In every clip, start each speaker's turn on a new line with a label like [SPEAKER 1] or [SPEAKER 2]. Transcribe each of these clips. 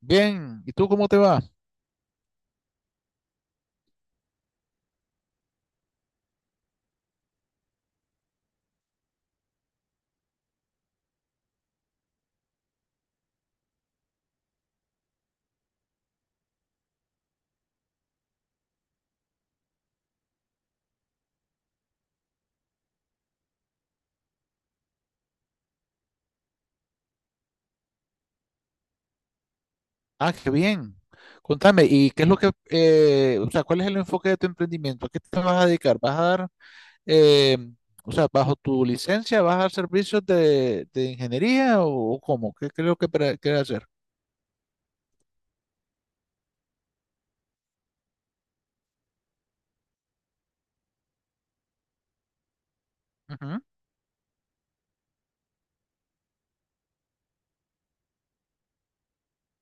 [SPEAKER 1] Bien, ¿y tú cómo te va? Ah, qué bien. Contame, ¿y qué es lo que, o sea, cuál es el enfoque de tu emprendimiento? ¿A qué te vas a dedicar? ¿Vas a dar, eh, o sea, bajo tu licencia, vas a dar servicios de ingeniería o cómo? ¿Qué creo que quieres hacer? Ujú.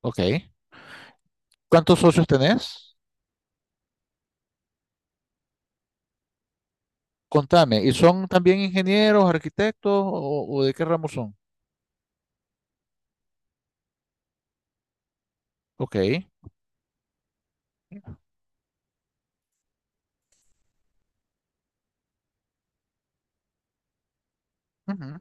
[SPEAKER 1] Ok. ¿Cuántos socios tenés? Contame, ¿y son también ingenieros, arquitectos o de qué ramo son? Ok. Ujú.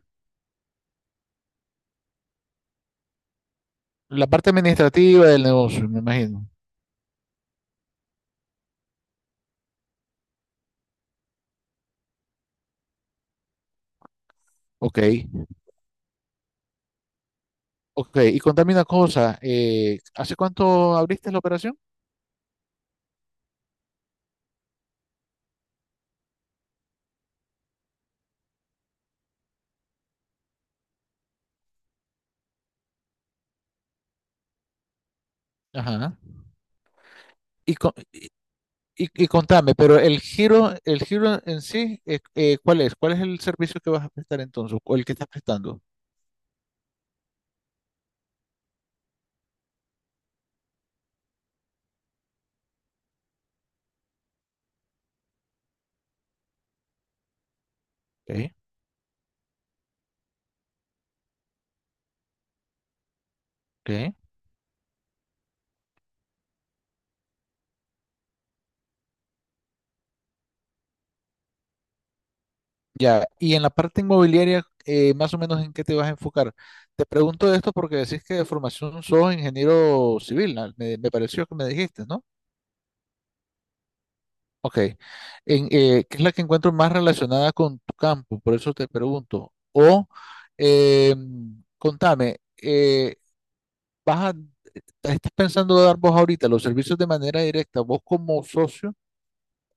[SPEAKER 1] La parte administrativa del negocio, me imagino. Ok. Ok, y contame una cosa, ¿hace cuánto abriste la operación? Ajá. Y, co- y contame, pero el giro en sí, ¿cuál es? ¿Cuál es el servicio que vas a prestar entonces? ¿O el que estás prestando? Ok, ok. Ya, y en la parte inmobiliaria, más o menos en qué te vas a enfocar. Te pregunto esto porque decís que de formación sos ingeniero civil, ¿no? Me pareció que me dijiste, ¿no? Ok. En, ¿qué es la que encuentro más relacionada con tu campo? Por eso te pregunto. O eh, contame, ¿vas a- ¿estás pensando dar vos ahorita los servicios de manera directa, vos como socio,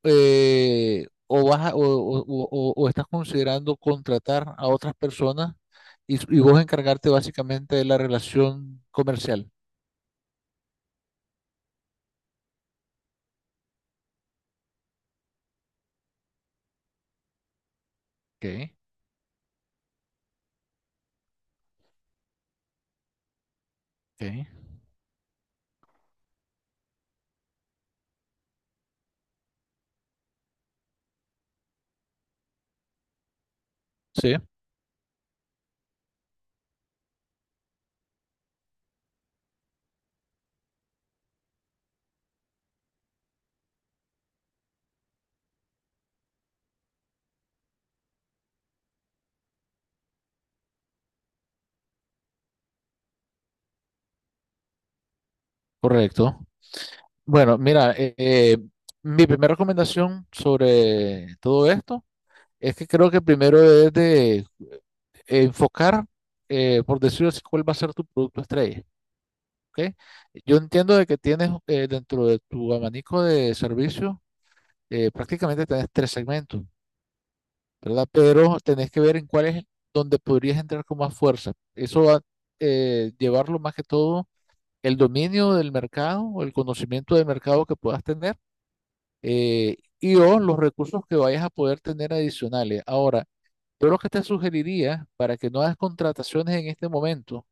[SPEAKER 1] o, o estás considerando contratar a otras personas y vos encargarte básicamente de la relación comercial? Ok, ok. Sí, correcto. Bueno, mira, mi primera recomendación sobre todo esto es que creo que primero es de enfocar, por decirlo así, cuál va a ser tu producto estrella, ¿ok? Yo entiendo de que tienes dentro de tu abanico de servicios, prácticamente tenés tres segmentos, ¿verdad? Pero tenés que ver en cuál es donde podrías entrar con más fuerza. Eso va a llevarlo más que todo el dominio del mercado o el conocimiento del mercado que puedas tener y o los recursos que vayas a poder tener adicionales. Ahora, yo lo que te sugeriría para que no hagas contrataciones en este momento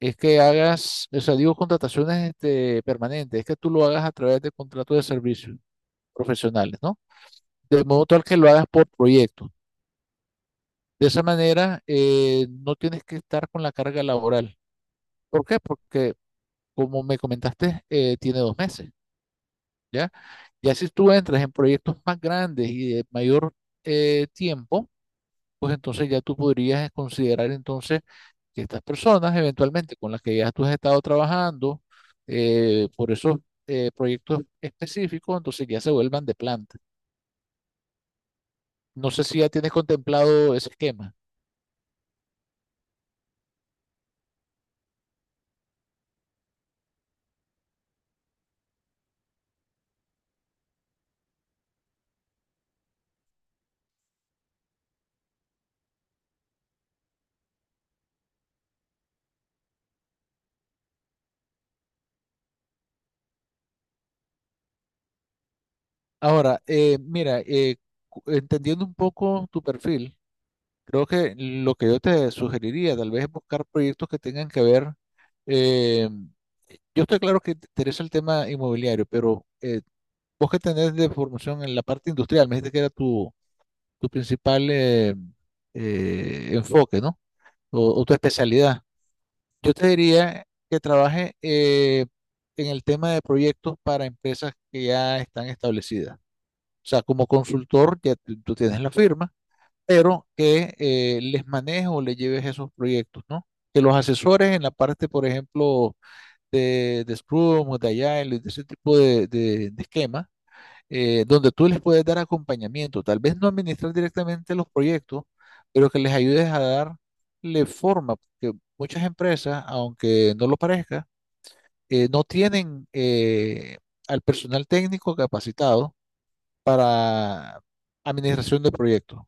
[SPEAKER 1] es que hagas, o sea, digo contrataciones este, permanentes, es que tú lo hagas a través de contratos de servicios profesionales, ¿no? De modo tal que lo hagas por proyecto. De esa manera, no tienes que estar con la carga laboral. ¿Por qué? Porque, como me comentaste, tiene dos meses, ¿ya? Ya si tú entras en proyectos más grandes y de mayor tiempo, pues entonces ya tú podrías considerar entonces que estas personas eventualmente con las que ya tú has estado trabajando por esos proyectos específicos, entonces ya se vuelvan de planta. No sé si ya tienes contemplado ese esquema. Ahora, mira, entendiendo un poco tu perfil, creo que lo que yo te sugeriría tal vez es buscar proyectos que tengan que ver eh, yo estoy claro que te interesa el tema inmobiliario, pero vos que tenés de formación en la parte industrial, me dijiste que era tu, tu principal enfoque, ¿no? O tu especialidad. Yo te diría que trabaje en el tema de proyectos para empresas que ya están establecidas. O sea, como consultor, ya tú tienes la firma, pero que les manejes o les lleves esos proyectos, ¿no? Que los asesores en la parte, por ejemplo, de Scrum o de Agile, de ese tipo de, de esquemas donde tú les puedes dar acompañamiento, tal vez no administrar directamente los proyectos, pero que les ayudes a darle forma, porque muchas empresas, aunque no lo parezca, no tienen al personal técnico capacitado para administración de proyectos.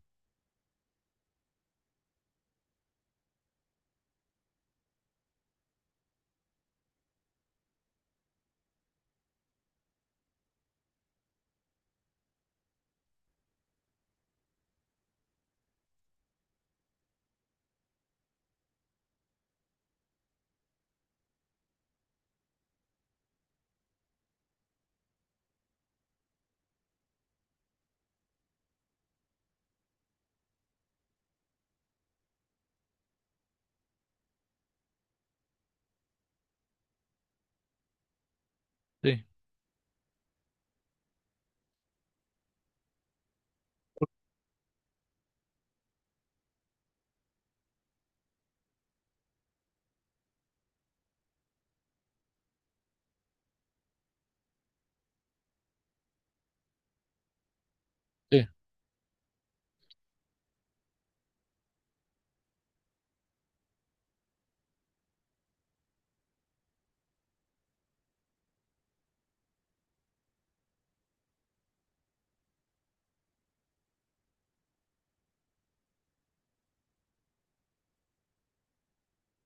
[SPEAKER 1] Sí, sí,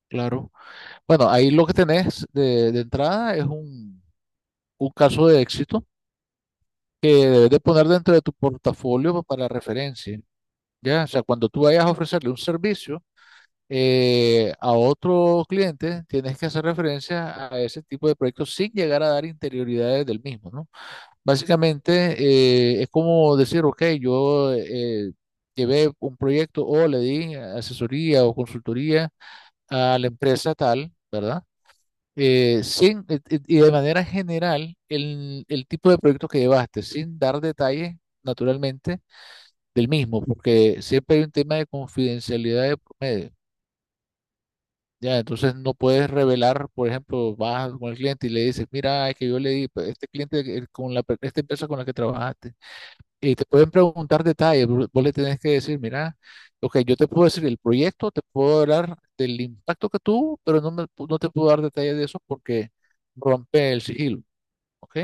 [SPEAKER 1] claro. Bueno, ahí lo que tenés de entrada es un caso de éxito que debes de poner dentro de tu portafolio para referencia, ¿ya? O sea, cuando tú vayas a ofrecerle un servicio, a otro cliente, tienes que hacer referencia a ese tipo de proyectos sin llegar a dar interioridades del mismo, ¿no? Básicamente, es como decir, ok, yo llevé un proyecto o le di asesoría o consultoría a la empresa tal, ¿verdad? Sin, de manera general, el tipo de proyecto que llevaste, sin dar detalles, naturalmente, del mismo, porque siempre hay un tema de confidencialidad de por medio. Ya, entonces no puedes revelar, por ejemplo, vas con el cliente y le dices, mira, es que yo le di, pues, este cliente con la, esta empresa con la que trabajaste. Y te pueden preguntar detalles, vos le tenés que decir, mira, ok, yo te puedo decir el proyecto, te puedo hablar del impacto que tuvo, pero no, no te puedo dar detalles de eso porque rompe el sigilo, ¿ok?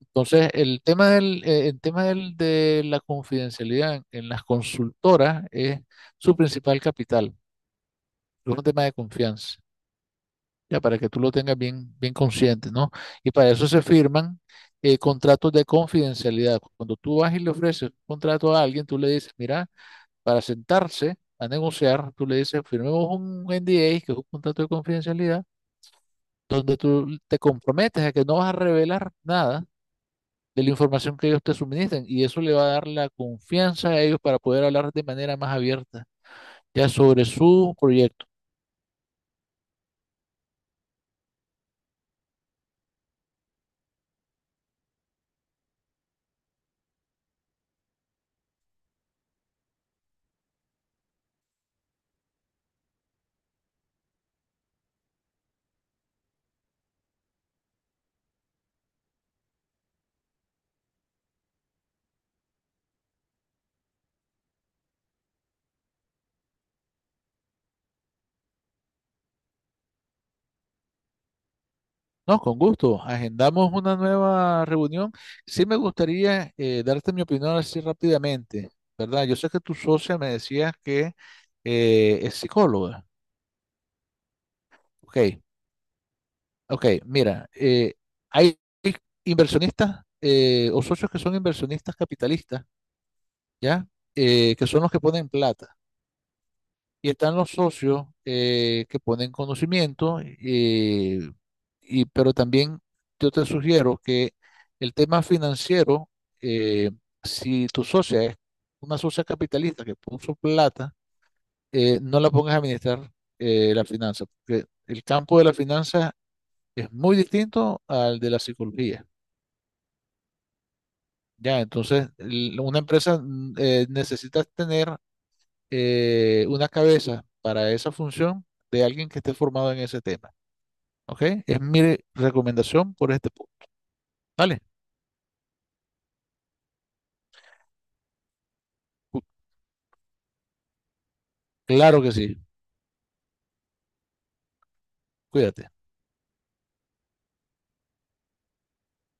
[SPEAKER 1] Entonces, el tema del, de la confidencialidad en las consultoras es su principal capital, es un tema de confianza. Ya para que tú lo tengas bien, bien consciente, ¿no? Y para eso se firman contratos de confidencialidad. Cuando tú vas y le ofreces un contrato a alguien, tú le dices, mira, para sentarse a negociar, tú le dices, firmemos un NDA, que es un contrato de confidencialidad, donde tú te comprometes a que no vas a revelar nada de la información que ellos te suministran y eso le va a dar la confianza a ellos para poder hablar de manera más abierta ya sobre su proyecto. No, con gusto. Agendamos una nueva reunión. Sí me gustaría darte mi opinión así rápidamente, ¿verdad? Yo sé que tu socia me decía que es psicóloga. Ok, ok, mira, hay inversionistas o socios que son inversionistas capitalistas, ¿ya? Que son los que ponen plata. Y están los socios que ponen conocimiento, y, pero también yo te sugiero que el tema financiero, eh, si tu socia es una socia capitalista que puso plata, no la pongas a administrar la finanza, porque el campo de la finanza es muy distinto al de la psicología. Ya, entonces, una empresa necesita tener una cabeza para esa función de alguien que esté formado en ese tema. ¿Ok? Es mi recomendación por este punto, ¿vale? Claro que sí, cuídate.